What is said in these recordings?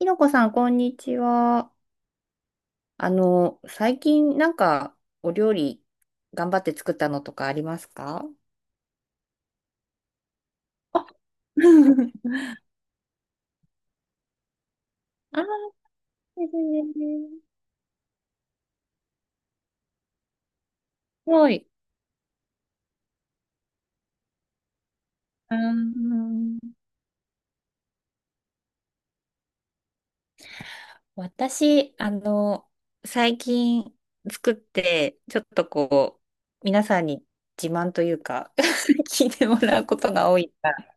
ひろこさん、こんにちは。最近なんかお料理頑張って作ったのとかありますか？ ああ、全然全然すごい。うーん。私、最近作って、ちょっとこう、皆さんに自慢というか 聞いてもらうことが多いから、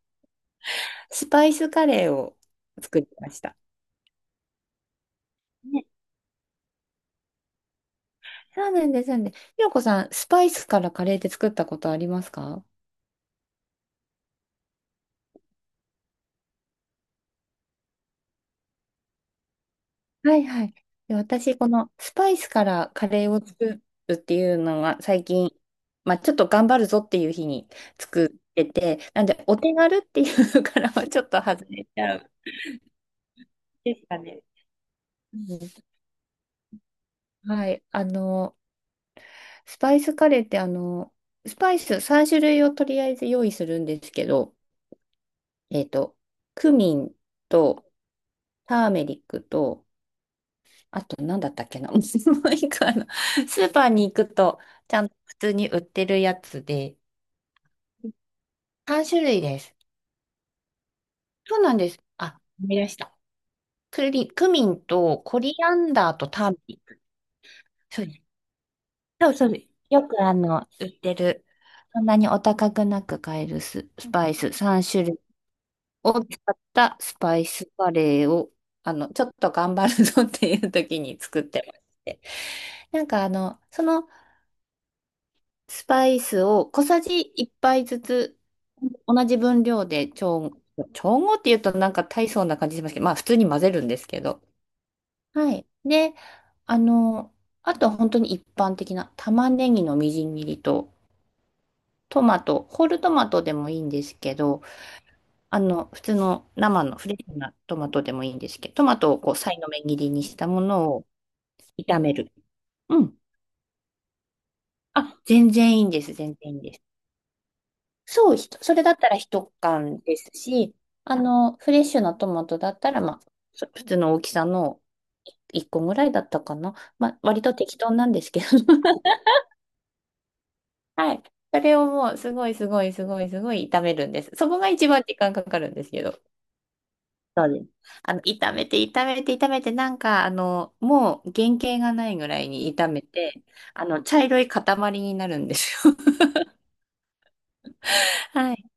スパイスカレーを作りました。ね、そうなんです、そうなんです。ひろこさん、スパイスからカレーって作ったことありますか？はいはい。で、私、このスパイスからカレーを作るっていうのが最近、まあ、ちょっと頑張るぞっていう日に作ってて、なんで、お手軽っていうからはちょっと外れちゃうですかね。うん、はい。スパイスカレーって、スパイス3種類をとりあえず用意するんですけど、えっと、クミンと、ターメリックと、あと、なんだったっけな。もう一個、スーパーに行くと、ちゃんと普通に売ってるやつで、3種類です。そうなんです。あ、思い出した。クミンとコリアンダーとターメリック。そうです。そうそうです。よく売ってる、そんなにお高くなく買えるスパイス3種類を使ったスパイスカレーを、ちょっと頑張るぞっていう時に作ってまして。なんかそのスパイスを小さじ1杯ずつ、同じ分量で調合って言うとなんか大層な感じしますけど、まあ普通に混ぜるんですけど。はい。で、あの、あとは本当に一般的な玉ねぎのみじん切りと、トマト、ホールトマトでもいいんですけど、普通の生のフレッシュなトマトでもいいんですけど、トマトをこう、さいの目切りにしたものを炒める。うん。あ、全然いいんです。全然いいんです。そう、それだったら一缶ですし、フレッシュなトマトだったら、まあ、そ普通の大きさの一個ぐらいだったかな。まあ、割と適当なんですけど。はい。それをもう、すごいすごいすごいすごい炒めるんです。そこが一番時間かかるんですけど。そうです。炒めて、炒めて、炒めて、なんか、もう原型がないぐらいに炒めて、茶色い塊になるんですよ。はい。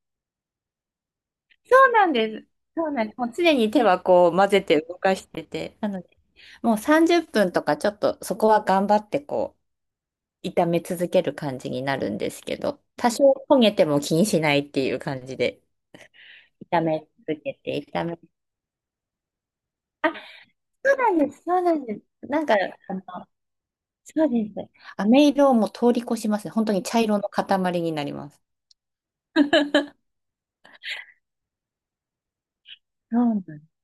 そうなんです。そうなんです。もう常に手はこう混ぜて動かしてて、なので、もう30分とかちょっとそこは頑張ってこう、炒め続ける感じになるんですけど、多少焦げても気にしないっていう感じで、炒め続けて、炒め、そうなんです、そうなんです。なんか、そうです。飴色をもう通り越しますね。本当に茶色の塊になります。そうなんです。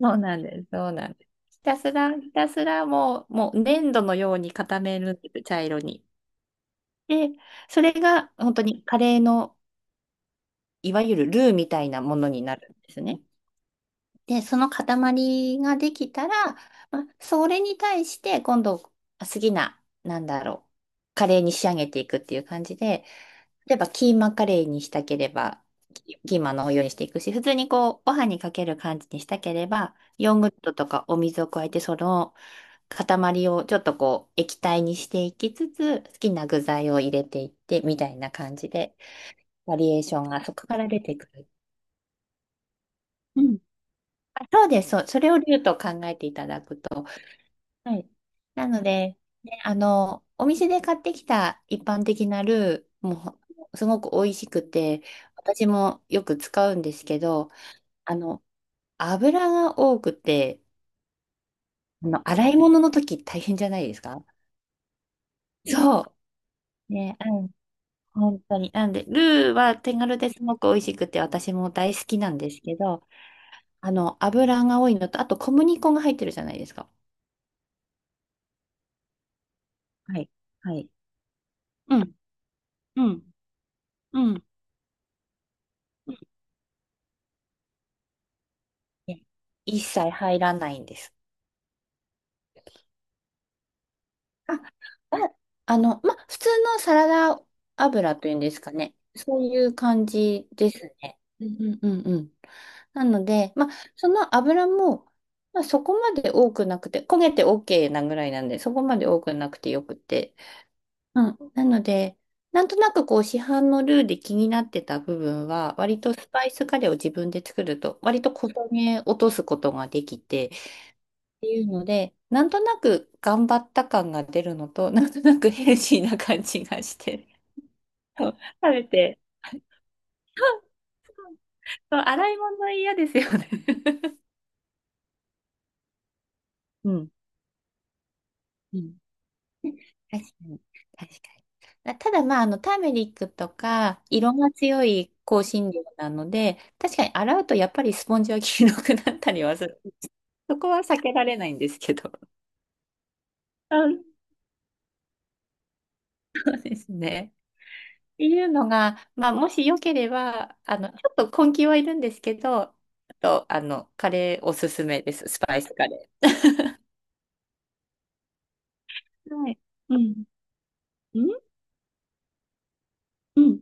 そうなんです。そうなんです。ひたすら、ひたすらもう、もう粘土のように固めるんです、茶色に。で、それが本当にカレーのいわゆるルーみたいなものになるんですね。で、その塊ができたら、まあ、それに対して今度好きな、なんだろう、カレーに仕上げていくっていう感じで、例えばキーマカレーにしたければ、キキーマのお湯にしていくし、普通にこう、ご飯にかける感じにしたければ、ヨーグルトとかお水を加えて、その塊をちょっとこう、液体にしていきつつ、好きな具材を入れていって、みたいな感じで、バリエーションがそこから出てくる。うん、あそうです、そう、それを竜と考えていただくと。はい。なので、ね、お店で買ってきた一般的なルーもすごく美味しくて、私もよく使うんですけど、あの、油が多くて、洗い物の時大変じゃないですか？そう。ね、うん。本当に。なんで、ルーは手軽ですごく美味しくて、私も大好きなんですけど、油が多いのと、あと小麦粉が入ってるじゃないですか。はい。はい。うんうん、うん、うん。ね、一切入らないんです。あ、あ、ま、普通のサラダ油というんですかね。そういう感じですね。うんうんうんうん。なので、ま、その油も、ま、そこまで多くなくて、焦げて OK なぐらいなんで、そこまで多くなくてよくて。うん。なので、なんとなくこう市販のルーで気になってた部分は、割とスパイスカレーを自分で作ると、割と小骨落とすことができて、ていうので、なんとなく頑張った感が出るのと、なんとなくヘルシーな感じがして、そう食べて、そう洗い物嫌ですよね。うん。うん。確かに、確かに。あただ、まあ、ターメリックとか、色が強い香辛料なので、確かに洗うとやっぱりスポンジは黄色くなったりはする。そこは避けられないんですけど。うん、そうですね。っていうのが、まあ、もしよければ、ちょっと根気はいるんですけど、あと、カレーおすすめです。スパイスカレー。はい。うん。んうん、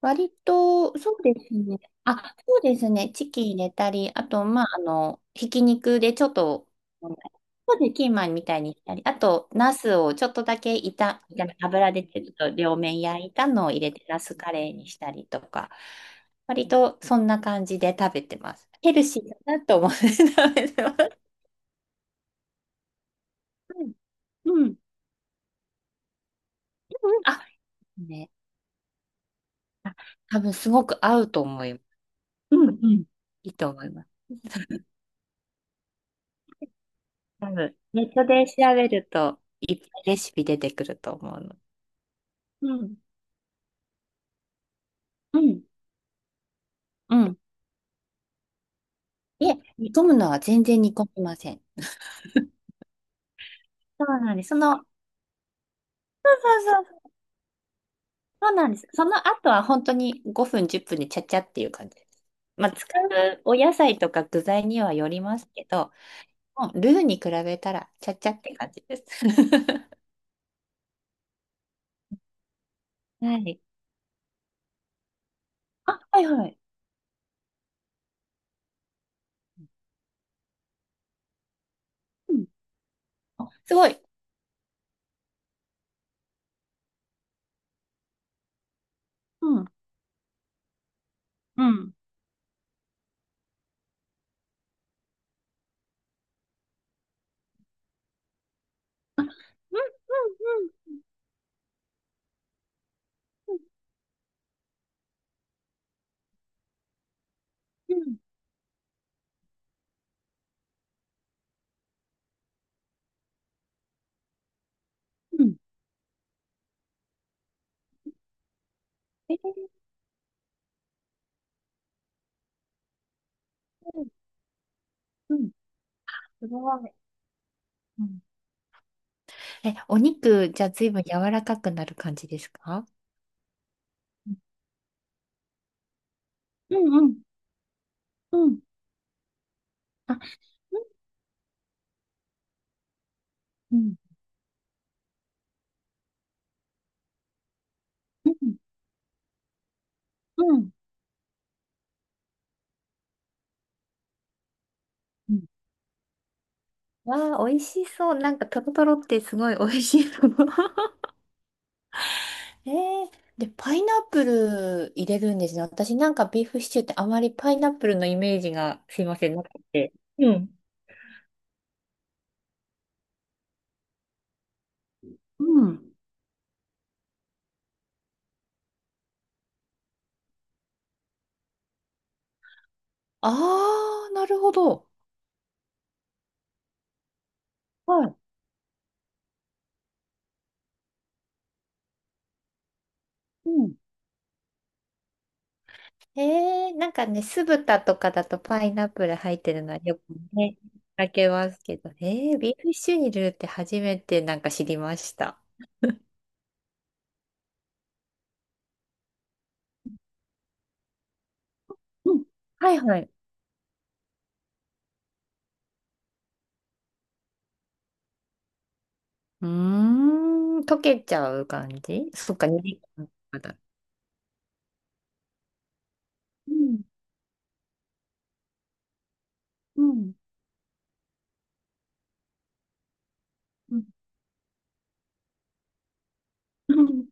割と、そうですね。あ、そうですね。チキン入れたり、あと、まあ、ひき肉でちょっと、そうですね、キーマンみたいにしたり、あと、ナスをちょっとだけ炒め、油でちょっと両面焼いたのを入れて、ナスカレーにしたりとか、割とそんな感じで食べてます。ヘルシーだなと思って食べてます。うん。うん、あ、ね。あ、多分すごく合うと思います。うんうん。いいと思います。多分ネットで調べると、いっぱいレシピ出てくると思うの。うん。うん。うん。いえ、煮込むのは全然煮込みません。そうなんです。その、そうそう、そうなんです。その後は本当に5分、10分でちゃちゃっていう感じです。まあ、使うお野菜とか具材にはよりますけど、もうルーに比べたらちゃちゃって感じです。はい。あ、はいはい。うん。あ、すごい。うん。うん。あ、うん、うん、うん、うん。うん、えー、うん、すごい。うん、え、お肉、じゃあ随分柔らかくなる感じですか？うんうんうん。あ、うんうんうんうん。わあ、美味しそう。なんか、トロトロってすごい美味しいと思う。えー、で、パイナップル入れるんですね。私なんかビーフシチューってあまりパイナップルのイメージがすいません、なくて。うん。うん。ああ、なるほど。はい。えー、なんかね、酢豚とかだとパイナップル入ってるのはよくね、見かけますけど、えー、ビーフシチューに入れるって初めてなんか知りました。うん、はいはい。うーん、溶けちゃう感じ、そっか、2時間とかだ。うん、うん、うん。うん、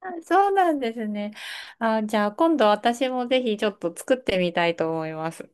あそうなんですね。あ、じゃあ今度私もぜひちょっと作ってみたいと思います。